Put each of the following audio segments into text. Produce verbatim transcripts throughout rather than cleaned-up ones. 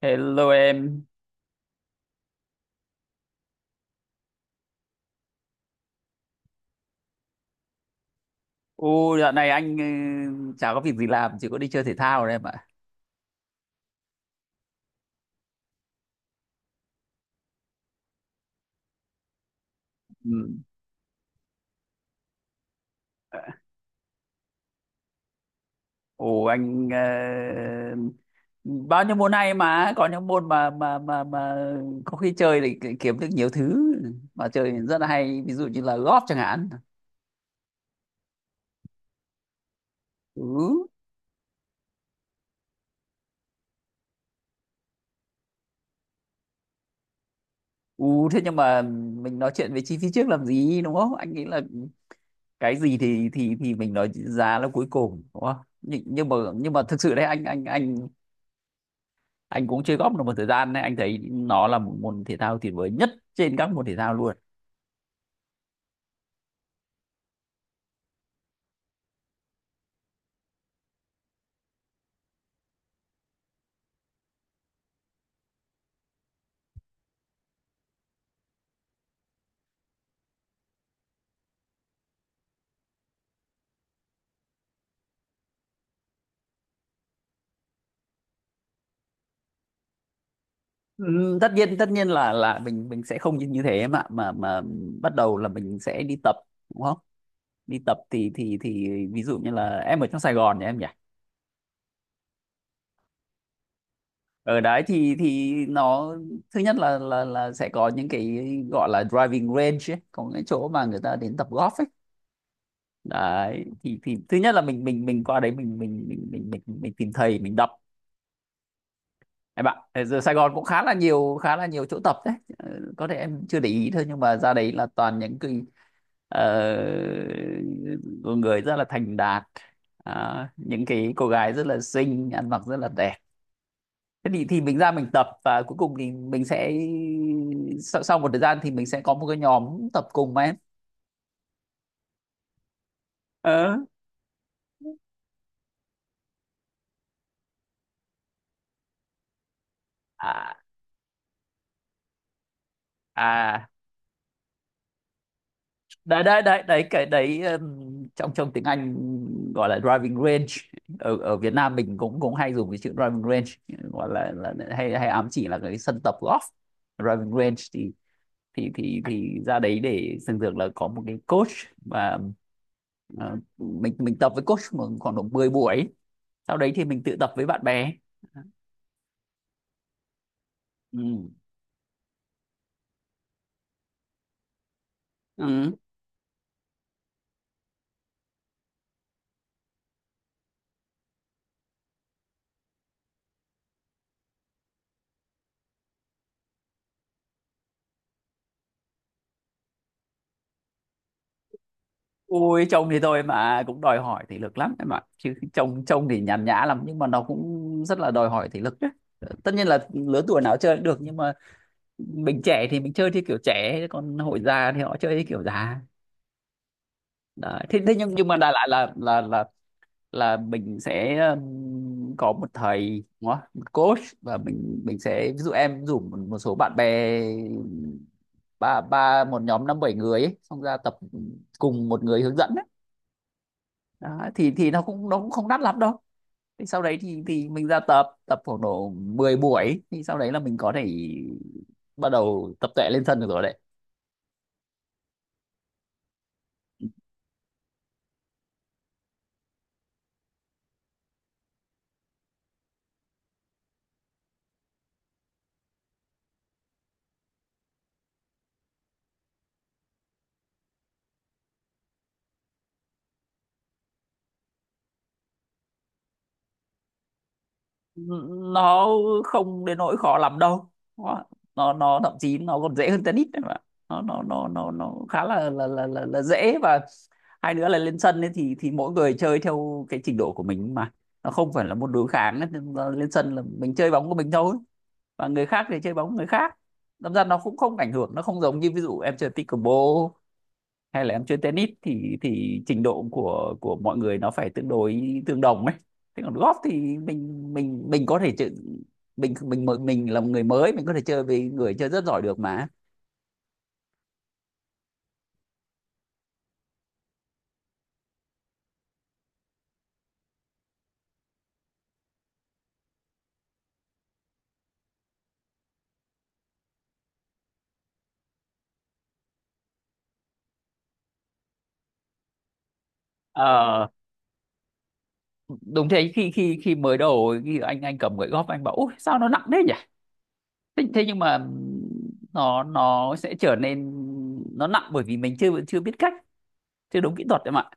Hello em. U dạo này anh ừ, chả có việc gì làm, chỉ có đi chơi thể thao thôi em ạ. Ừ. Ồ anh, ờ, bao nhiêu môn hay mà có những môn mà mà mà mà có khi chơi thì ki- kiếm được nhiều thứ mà chơi thì rất là hay, ví dụ như là golf chẳng hạn. Ừ. U thế nhưng mà mình nói chuyện về chi phí trước làm gì đúng không? Anh nghĩ là cái gì thì thì thì mình nói giá là cuối cùng đúng không? Nhưng, nhưng mà nhưng mà thực sự đấy, anh anh anh anh cũng chơi golf được một thời gian đấy, anh thấy nó là một môn thể thao tuyệt vời nhất trên các môn thể thao luôn. Ừm, tất nhiên tất nhiên là là mình mình sẽ không như như thế mà mà mà bắt đầu là mình sẽ đi tập, đúng không? Đi tập thì thì thì ví dụ như là em ở trong Sài Gòn nhỉ, em nhỉ? Ở đấy thì thì nó, thứ nhất là là là sẽ có những cái gọi là driving range ấy, có những chỗ mà người ta đến tập golf ấy. Đấy thì thì thứ nhất là mình mình mình qua đấy, mình mình mình mình mình, mình tìm thầy mình đọc. Em ạ, thế giờ Sài Gòn cũng khá là nhiều khá là nhiều chỗ tập đấy. Ờ, Có thể em chưa để ý thôi nhưng mà ra đấy là toàn những cái, ờ, người rất là thành đạt, đó, những cái cô gái rất là xinh, ăn mặc rất là đẹp. Thế thì thì mình ra mình tập và cuối cùng thì mình sẽ, sau, sau một thời gian thì mình sẽ có một cái nhóm tập cùng mà em. Ờ. À, à đấy đấy đấy đấy cái đấy, ừm, trong trong tiếng Anh gọi là driving range. Ở ở Việt Nam mình cũng cũng hay dùng cái chữ driving range, gọi là, là hay hay ám chỉ là cái sân tập golf. Driving range thì thì thì thì ra đấy, để thường thường là có một cái coach và ờ, mình mình tập với coach khoảng độ mười buổi, sau đấy thì mình tự tập với bạn bè. Ừ. Ừ. Ui, trông thì tôi mà cũng đòi hỏi thể lực lắm em ạ, chứ trông trông thì nhàn nhã lắm nhưng mà nó cũng rất là đòi hỏi thể lực đấy. Tất nhiên là lứa tuổi nào chơi cũng được nhưng mà mình trẻ thì mình chơi theo kiểu trẻ, còn hội già thì họ chơi theo kiểu già. Đấy. Thế thế nhưng nhưng mà đại lại là là là là mình sẽ, um, có một thầy, đúng không? Một coach và mình mình sẽ, ví dụ em rủ một, một số bạn bè, ba ba một nhóm năm bảy người ấy, xong ra tập cùng một người hướng dẫn ấy. Đó, thì thì nó cũng nó cũng không đắt lắm đâu. Thì sau đấy thì thì mình ra tập tập khoảng độ mười buổi, thì sau đấy là mình có thể bắt đầu tập tuệ lên sân được rồi đấy. N- nó không đến nỗi khó lắm đâu. Nó nó nó thậm chí nó còn dễ hơn tennis đấy mà. Nó nó nó nó nó khá là là là là, là dễ, và hai nữa là lên sân ấy thì thì mỗi người chơi theo cái trình độ của mình mà, nó không phải là môn đối kháng ấy. Nên là lên sân là mình chơi bóng của mình thôi và người khác thì chơi bóng người khác, đâm ra nó cũng không ảnh hưởng, nó không giống như ví dụ em chơi pickleball hay là em chơi tennis thì thì trình độ của của mọi người nó phải tương đối tương đồng ấy. Thế còn golf thì mình mình mình có thể chơi, mình mình mình là một người mới mình có thể chơi với người chơi rất giỏi được mà. Ờ, Đúng thế, khi khi khi mới đầu khi anh anh cầm gậy golf, anh bảo ôi sao nó nặng thế nhỉ. Thế, thế nhưng mà nó nó sẽ trở nên, nó nặng bởi vì mình chưa chưa biết cách, chưa đúng kỹ thuật em ạ.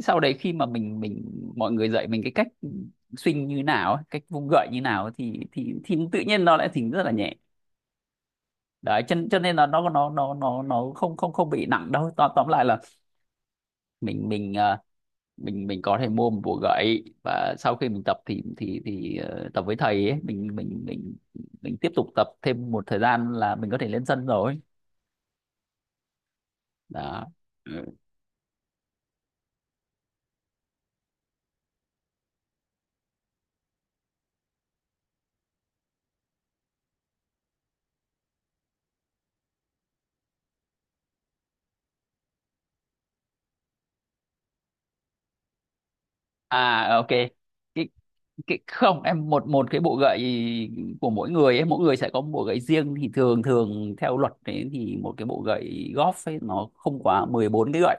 Sau đấy khi mà mình mình mọi người dạy mình cái cách swing như nào ấy, cách vung gậy như nào ấy, thì thì thì tự nhiên nó lại thỉnh rất là nhẹ. Đấy cho, cho nên là nó nó nó nó nó không không không bị nặng đâu. Tóm, tóm lại là mình mình ờ, mình mình có thể mua một bộ gậy và sau khi mình tập thì thì thì ờ, tập với thầy ấy, mình mình mình mình tiếp tục tập thêm một thời gian là mình có thể lên sân rồi. Đó. Ừ. À, ok. cái cái Không em, một một cái bộ gậy của mỗi người ấy, mỗi người sẽ có một bộ gậy riêng, thì thường thường theo luật đấy thì một cái bộ gậy golf ấy nó không quá mười bốn cái gậy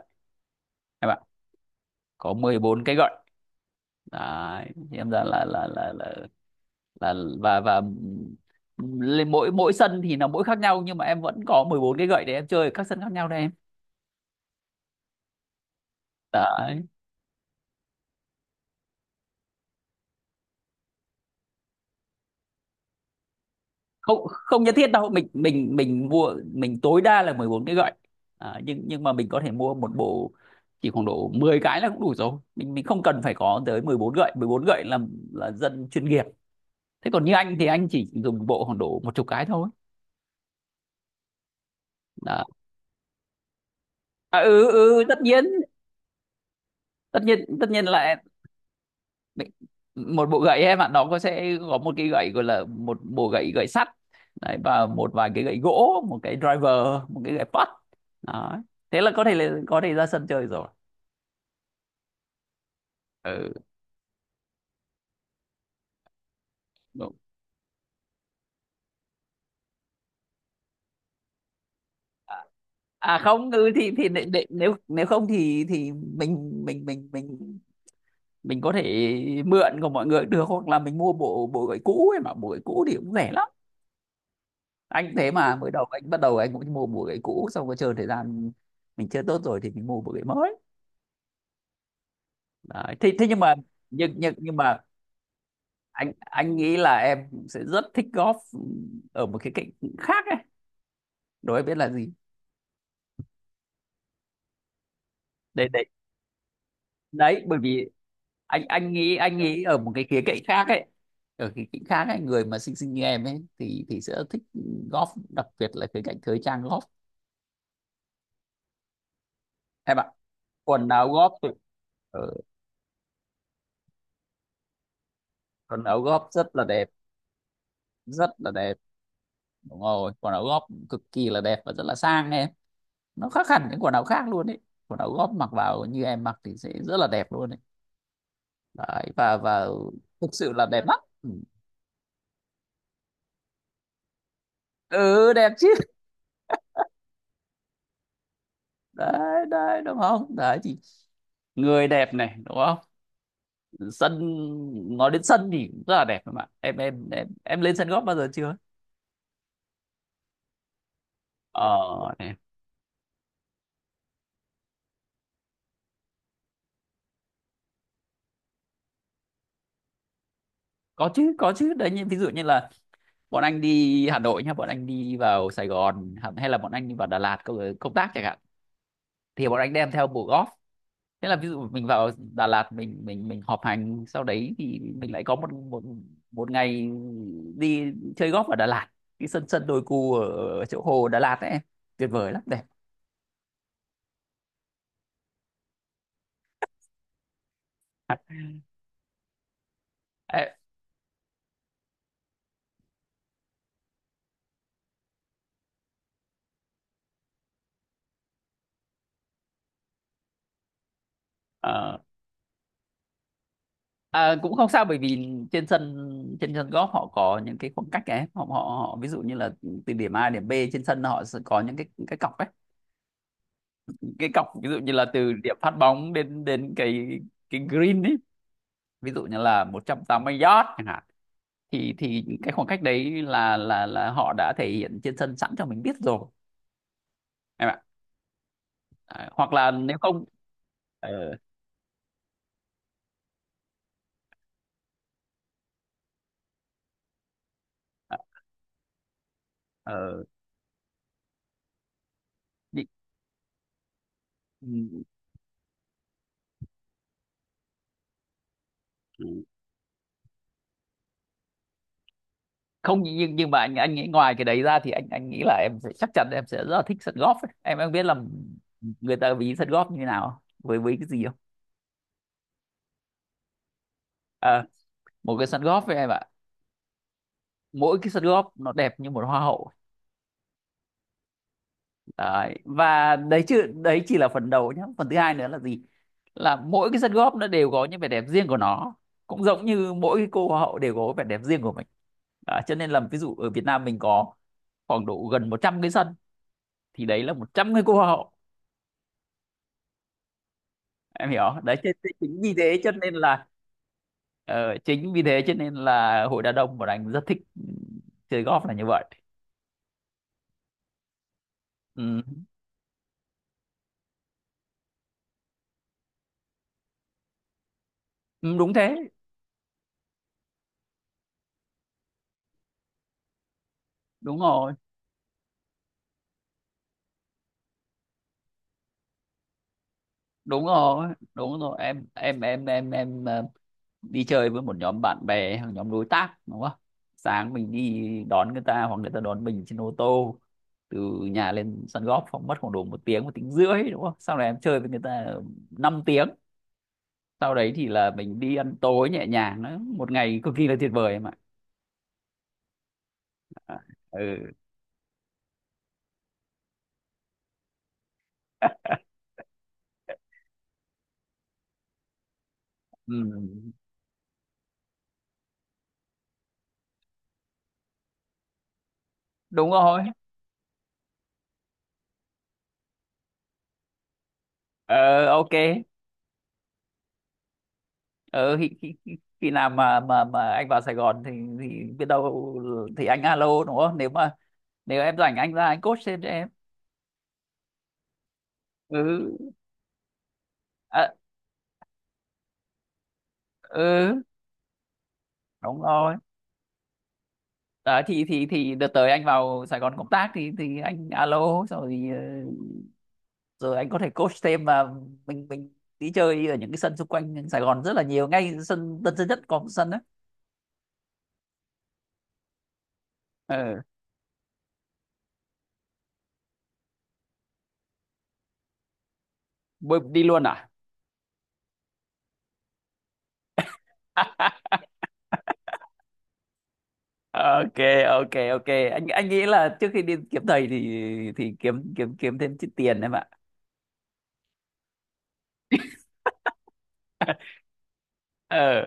em ạ. Có mười bốn cái gậy đấy. Thì em ra là là là là là và và lên mỗi mỗi sân thì nó mỗi khác nhau, nhưng mà em vẫn có mười bốn cái gậy để em chơi ở các sân khác nhau đây em. Đấy, không không nhất thiết đâu. Mình mình mình mua, mình tối đa là mười bốn cái gậy. À, nhưng nhưng mà mình có thể mua một bộ, chỉ khoảng độ mười cái là cũng đủ rồi, mình mình không cần phải có tới mười bốn gậy. Mười bốn gậy là là dân chuyên nghiệp. Thế còn như anh thì anh chỉ dùng bộ khoảng độ một chục cái thôi. Đó. À, ừ, ừ, tất nhiên tất nhiên tất nhiên là, đấy, một bộ gậy em ạ, nó có sẽ có một cái gậy gọi là một bộ gậy gậy sắt đấy, và một vài cái gậy gỗ, một cái driver, một cái gậy putt. Đó, thế là có thể, là có thể ra sân chơi rồi. Ừ, đúng. à à, không, ừ, thì thì để, để, nếu nếu không thì thì mình mình mình mình mình có thể mượn của mọi người được, hoặc là mình mua bộ bộ gậy cũ ấy, mà bộ gậy cũ thì cũng rẻ lắm. Anh thế mà mới đầu anh bắt đầu, anh cũng mua bộ gậy cũ xong rồi chơi thời gian, mình chơi tốt rồi thì mình mua bộ gậy mới. Đấy. Thế, thế nhưng mà nhưng nhưng nhưng mà anh anh nghĩ là em sẽ rất thích golf ở một cái cạnh khác ấy. Đố em biết là gì? Đấy đấy. Đấy bởi vì anh anh nghĩ anh nghĩ ở một cái khía cạnh khác ấy. Ở cái cạnh khác ấy, người mà xinh xinh như em ấy thì thì sẽ thích golf, đặc biệt là khía cạnh thời trang golf. Em ạ, quần áo golf thì- ừ, quần áo golf rất là đẹp, rất là đẹp. Đúng rồi, quần áo golf cực kỳ là đẹp và rất là sang em, nó khác hẳn những quần áo khác luôn đấy. Quần áo góp mặc vào như em mặc thì sẽ rất là đẹp luôn đấy, đấy và và thực sự là đẹp lắm, ừ. Ừ, đẹp chứ, đấy đấy, đúng không? Đấy thì người đẹp này, đúng không? Sân, nói đến sân thì cũng rất là đẹp mà em em em em lên sân góp bao giờ chưa? ờ Này, có chứ, có chứ, đấy như ví dụ như là bọn anh đi Hà Nội nhá, bọn anh đi vào Sài Gòn hay là bọn anh đi vào Đà Lạt công công tác chẳng hạn, thì bọn anh đem theo bộ golf. Thế là ví dụ mình vào Đà Lạt, mình mình mình họp hành, sau đấy thì mình lại có một một một ngày đi chơi golf ở Đà Lạt, cái sân sân đồi cù ở, ở chỗ hồ Đà Lạt ấy, tuyệt vời lắm, đẹp. Ê, ờ, à, cũng không sao bởi vì trên sân, trên sân golf họ có những cái khoảng cách ấy, họ, họ họ ví dụ như là từ điểm A đến điểm bê trên sân, họ sẽ có những cái cái cọc ấy, cái cọc ví dụ như là từ điểm phát bóng đến đến cái cái green ấy, ví dụ như là một trăm tám mươi yard chẳng hạn, thì thì cái khoảng cách đấy là là là họ đã thể hiện trên sân sẵn cho mình biết rồi em ạ. À, hoặc là nếu không, ờ, à, ờ, đi- ừ, ừ. Không, nhưng nhưng mà anh anh nghĩ ngoài cái đấy ra thì anh anh nghĩ là em sẽ chắc chắn em sẽ rất là thích sân golf ấy. em em biết là người ta ví sân golf như thế nào với với cái gì không? Ờ, Một cái sân golf với em ạ, mỗi cái sân golf nó đẹp như một hoa hậu. Đấy. Và đấy chứ, đấy chỉ là phần đầu nhé. Phần thứ hai nữa là gì? Là mỗi cái sân góp nó đều có những vẻ đẹp riêng của nó. Cũng giống như mỗi cái cô hoa hậu đều có vẻ đẹp riêng của mình. Đó, cho nên là ví dụ ở Việt Nam mình có khoảng độ gần một trăm cái sân, thì đấy là một trăm cái cô hoa hậu. Em hiểu không? Đấy cho- cho chính vì thế cho nên là, ờ, chính vì thế cho nên là hội đa đông của anh rất thích, ừ, chơi golf là như vậy. Ừ. Ừ, đúng thế, đúng rồi, đúng rồi, đúng rồi. Em em em em em ờ, đi chơi với một nhóm bạn bè hoặc nhóm đối tác, đúng không? Sáng mình đi đón người ta hoặc người ta đón mình trên ô tô, từ nhà lên sân golf khoảng mất khoảng độ một tiếng, một tiếng rưỡi, đúng không? Sau này em chơi với người ta năm tiếng, sau đấy thì là mình đi ăn tối nhẹ nhàng, nó một ngày cực kỳ là tuyệt vời em ạ. À, ừ. Ừ, đúng rồi, ờ, ok, ờ, khi, khi, khi khi nào mà mà mà anh vào Sài Gòn thì thì biết đâu thì anh alo, đúng không? Nếu mà nếu em rảnh, anh ra anh coach thêm cho em. Ừ, à, ừ, đúng rồi. Đấy, thì thì thì đợt tới anh vào Sài Gòn công tác thì thì anh alo xong rồi, ờ, rồi anh có thể coach thêm mà, mình mình đi chơi ở những cái sân xung quanh Sài Gòn rất là nhiều, ngay sân Tân Sơn Nhất có một sân đấy. Ừ. Bơi đi luôn à? Ok, ok, ok, anh anh nghĩ là trước khi đi kiếm thầy thì thì kiếm kiếm kiếm thêm chút tiền em ạ. ờ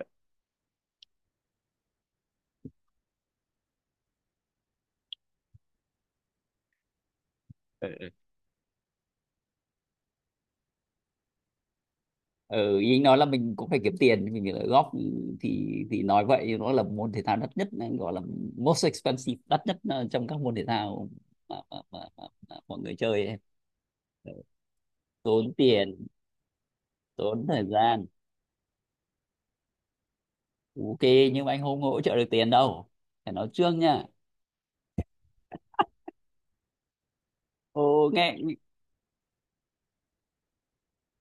ừ, ý anh nói là mình cũng phải kiếm tiền, mình phải góp, thì thì nói vậy, nó là môn thể thao đắt nhất, gọi là most expensive, đắt nhất, ờ, trong các môn thể thao mà, mà, mà, mà, mà mọi người chơi ấy. Tốn tiền, tốn thời gian. Ok, nhưng mà anh không hỗ trợ được tiền đâu, phải nói trước nha. Ô, nghe,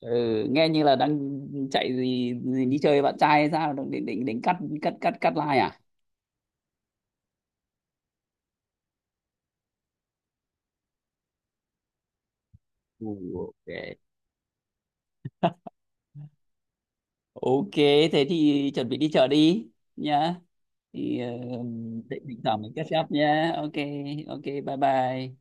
ừ, nghe như là đang chạy gì, gì đi chơi với bạn trai hay sao, đang định định định cắt cắt cắt cắt like à? Ừ, ok. Ok, thế thì chuẩn bị đi chợ đi nhá. Thì uh, định định tổng mình catch up nhá. Ok, ok, bye bye.